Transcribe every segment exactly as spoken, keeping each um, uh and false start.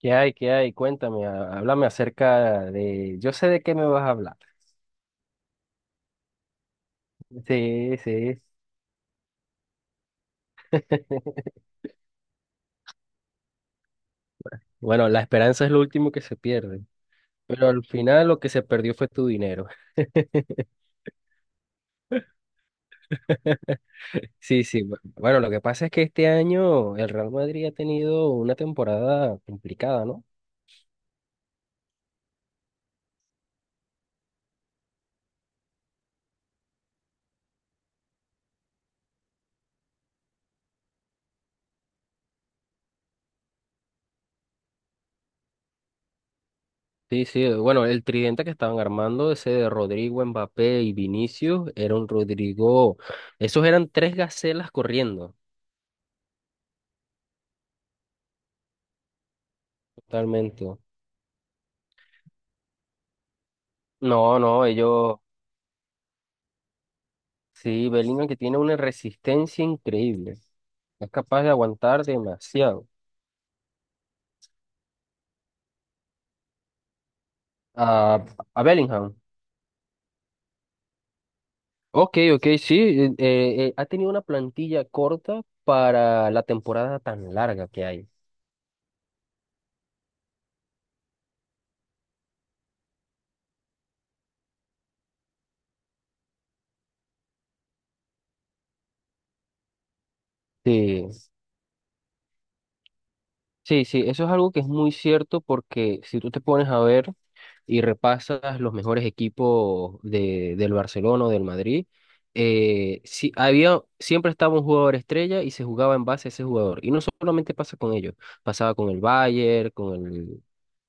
¿Qué hay? ¿Qué hay? Cuéntame, há- háblame acerca de... Yo sé de qué me vas a hablar. Sí, sí. Bueno, la esperanza es lo último que se pierde, pero al final lo que se perdió fue tu dinero. Sí, sí. bu- Bueno, lo que pasa es que este año el Real Madrid ha tenido una temporada complicada, ¿no? Sí, sí. Bueno, el tridente que estaban armando, ese de Rodrigo, Mbappé y Vinicius, era un Rodrigo... Esos eran tres gacelas corriendo, totalmente. No, no, ellos... Sí, Bellingham que tiene una resistencia increíble. Es capaz de aguantar demasiado. A, a Bellingham. Ok, ok, sí. eh, eh, eh, ha tenido una plantilla corta para la temporada tan larga que hay. Sí, sí, sí. Eso es algo que es muy cierto porque si tú te pones a ver. Y repasas los mejores equipos de, del Barcelona o del Madrid, eh, sí, había, siempre estaba un jugador estrella y se jugaba en base a ese jugador. Y no solamente pasa con ellos, pasaba con el Bayern, con el,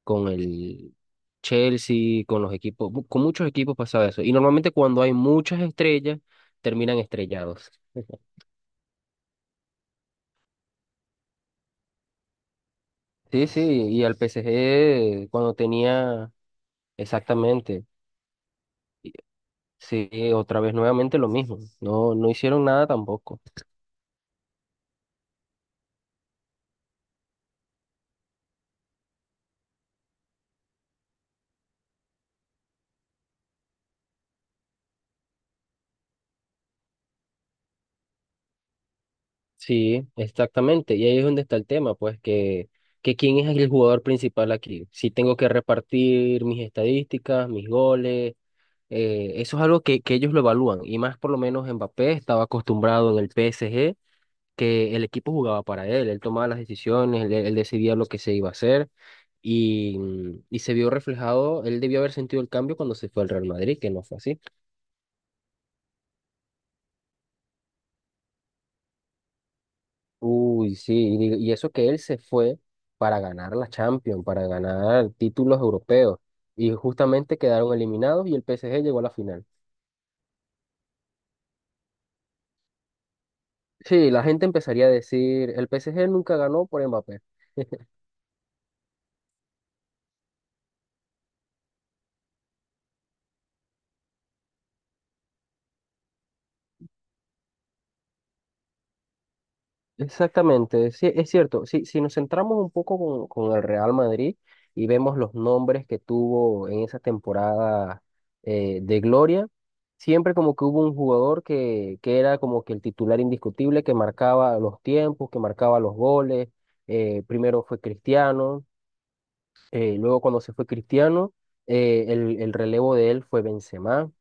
con el Chelsea, con los equipos, con muchos equipos pasaba eso. Y normalmente cuando hay muchas estrellas, terminan estrellados. Sí, sí, y al P S G cuando tenía exactamente, y- sí, otra vez nuevamente lo mismo, no, no hicieron nada tampoco. Sí, exactamente. Y ahí es donde está el tema, pues que, que quién es el jugador principal aquí. Si tengo que repartir mis estadísticas, mis goles, eh, eso es algo que, que ellos lo evalúan. Y más por lo menos Mbappé estaba acostumbrado en el P S G que el equipo jugaba para él, él tomaba las decisiones, él, él decidía lo que se iba a hacer y, y se vio reflejado, él debió haber sentido el cambio cuando se fue al Real Madrid, que no fue así. Uy, sí, y, digo- y eso que él se fue para ganar la Champions, para ganar títulos europeos, y justamente quedaron eliminados y el P S G llegó a la final. Sí, la gente empezaría a decir, el P S G nunca ganó por Mbappé. Exactamente, sí, es cierto. Si, si nos centramos un poco con, con el Real Madrid y vemos los nombres que tuvo en esa temporada eh, de gloria, siempre como que hubo un jugador que, que era como que el titular indiscutible, que marcaba los tiempos, que marcaba los goles. Eh, primero fue Cristiano, eh, luego cuando se fue Cristiano, eh, el, el relevo de él fue Benzema.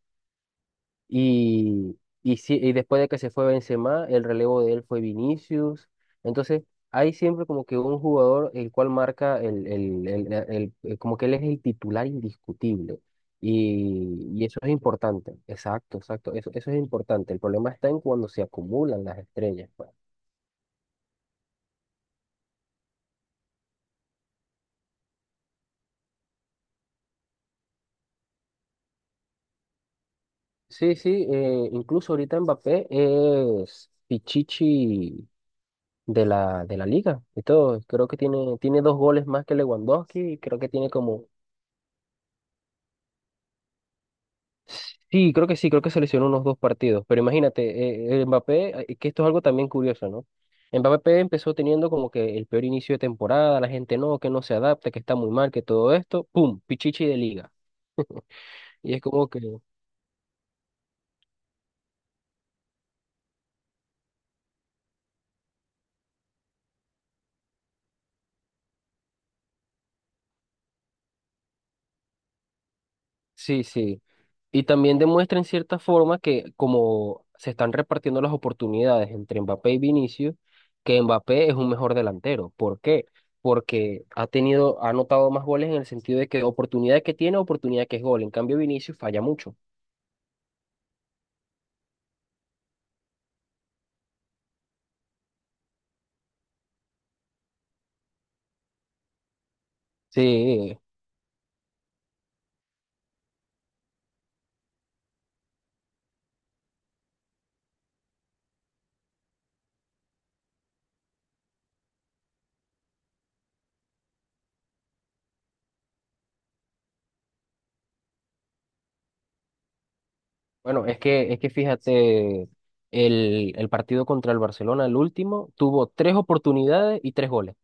Y, y, sí- y después de que se fue Benzema, el relevo de él fue Vinicius. Entonces, hay siempre como que un jugador el cual marca el, el, el- el- el- eh, como que él es el titular indiscutible. Y, y eso es importante. Exacto, exacto. Eso, eso es importante. El problema está en cuando se acumulan las estrellas, pues. Sí, sí, eh, incluso ahorita Mbappé es Pichichi de la, de la liga y todo. Creo que tiene, tiene dos goles más que Lewandowski, y creo que tiene como Sí, creo que sí, creo que se lesionó unos dos partidos, pero imagínate, eh, el Mbappé, eh, que esto es algo también curioso, ¿no? Mbappé empezó teniendo como que el peor inicio de temporada, la gente no, que no se adapta, que está muy mal, que todo esto, ¡pum!, pichichi de liga. Y es como que, sí, sí. Y también demuestra en cierta forma que como se están repartiendo las oportunidades entre Mbappé y Vinicius, que Mbappé es un mejor delantero. ¿Por qué? Porque ha tenido, ha anotado más goles en el sentido de que oportunidad que tiene, oportunidad que es gol. En cambio, Vinicius falla mucho. Sí, bueno, es que, es que fíjate, el, el partido contra el Barcelona, el último, tuvo tres oportunidades y tres goles.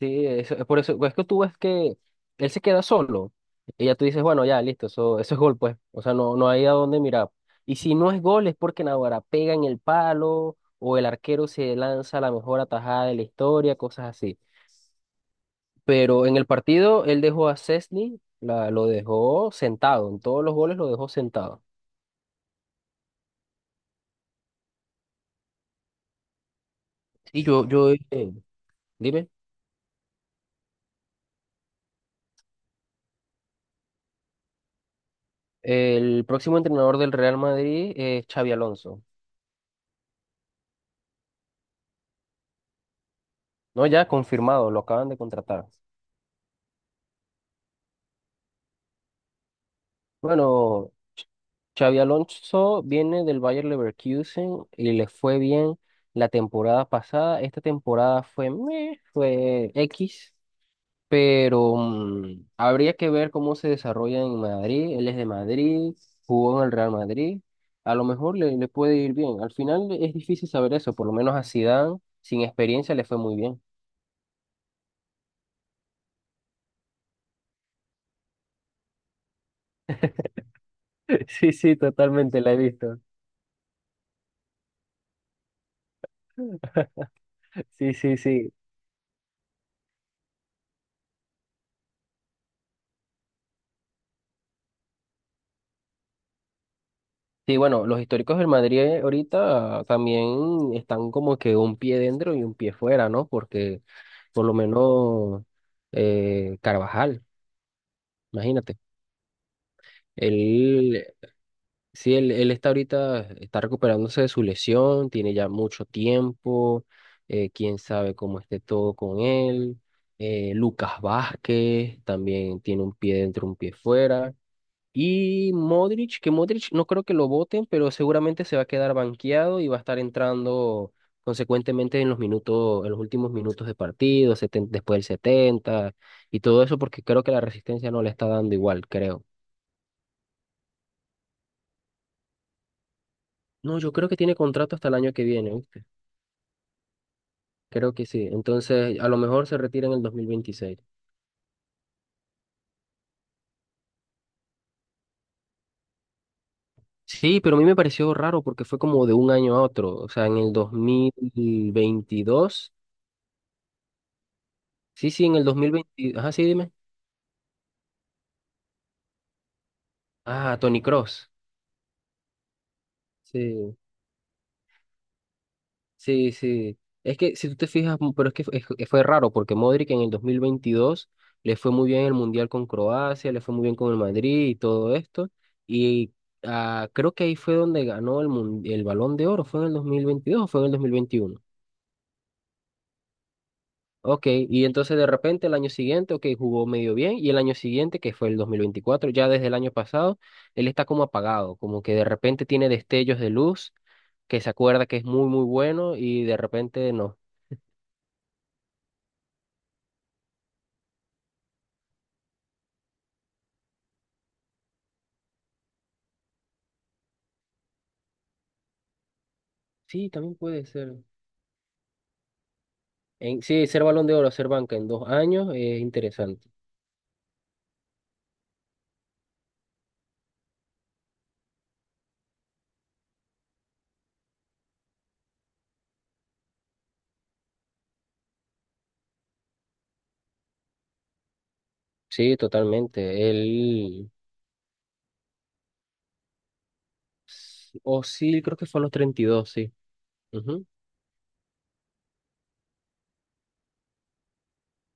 Sí, eso, por eso, pues, es que tú ves que él se queda solo y ya tú dices, bueno, ya, listo, eso, eso es gol, pues, o sea, no, no hay a dónde mirar. Y si no es gol es porque Naguará pega en el palo o el arquero se lanza la mejor atajada de la historia, cosas así. Pero en el partido él dejó a Szczęsny, la lo dejó sentado, en todos los goles lo dejó sentado. Y yo, yo, eh, Dime, el próximo entrenador del Real Madrid es Xavi Alonso, ¿no? Ya confirmado, lo acaban de contratar. Bueno, Xavi Alonso viene del Bayer Leverkusen y le fue bien la temporada pasada. Esta temporada fue meh, fue X, pero mm, habría que ver cómo se desarrolla en Madrid. Él es de Madrid, jugó en el Real Madrid. A lo mejor le, le puede ir bien. Al final es difícil saber eso, por lo menos a Zidane, sin experiencia, le fue muy bien. Sí, sí, totalmente la he visto. Sí, sí, sí. Sí, bueno, los históricos del Madrid ahorita también están como que un pie dentro y un pie fuera, ¿no? Porque por lo menos eh, Carvajal, imagínate, él, sí, él, él está ahorita, está recuperándose de su lesión, tiene ya mucho tiempo, eh, quién sabe cómo esté todo con él. Eh, Lucas Vázquez también tiene un pie dentro, un pie fuera. Y Modric, que Modric no creo que lo voten, pero seguramente se va a quedar banqueado y va a estar entrando consecuentemente en los minutos, en los últimos minutos de partido, seten- después del setenta y todo eso, porque creo que la resistencia no le está dando igual, creo. No, yo creo que tiene contrato hasta el año que viene, ¿viste? Creo que sí. Entonces, a lo mejor se retira en el dos mil veintiséis. Sí, pero a mí me pareció raro porque fue como de un año a otro, o sea, en el dos mil veintidós. Sí, sí, en el dos mil veinte. Ajá, sí, dime. Ah, Tony Cross. Sí, sí, sí. Es que si tú te fijas, m- pero es que f- es- fue raro porque Modric en el dos mil veintidós le fue muy bien el Mundial con Croacia, le fue muy bien con el Madrid y todo esto. Y ah, creo que ahí fue donde ganó el, mun- el Balón de Oro, ¿fue en el dos mil veintidós o fue en el dos mil veintiuno? Ok, y entonces de repente el año siguiente, ok, jugó medio bien y el año siguiente, que fue el dos mil veinticuatro ya desde el año pasado, él está como apagado, como que de repente tiene destellos de luz que se acuerda que es muy muy bueno y de repente no. Sí, también puede ser. En, sí, ser Balón de Oro, ser banca en dos años es interesante. Sí, totalmente. Él, o sí, creo que fue a los treinta y dos sí. Ujú.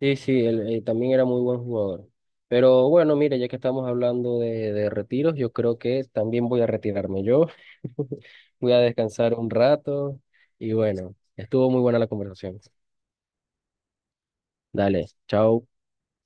Sí, sí, él, eh, también era muy buen jugador. Pero bueno, mire, ya que estamos hablando de, de retiros, yo creo que también voy a retirarme yo. Voy a descansar un rato y bueno, estuvo muy buena la conversación. Dale, chao.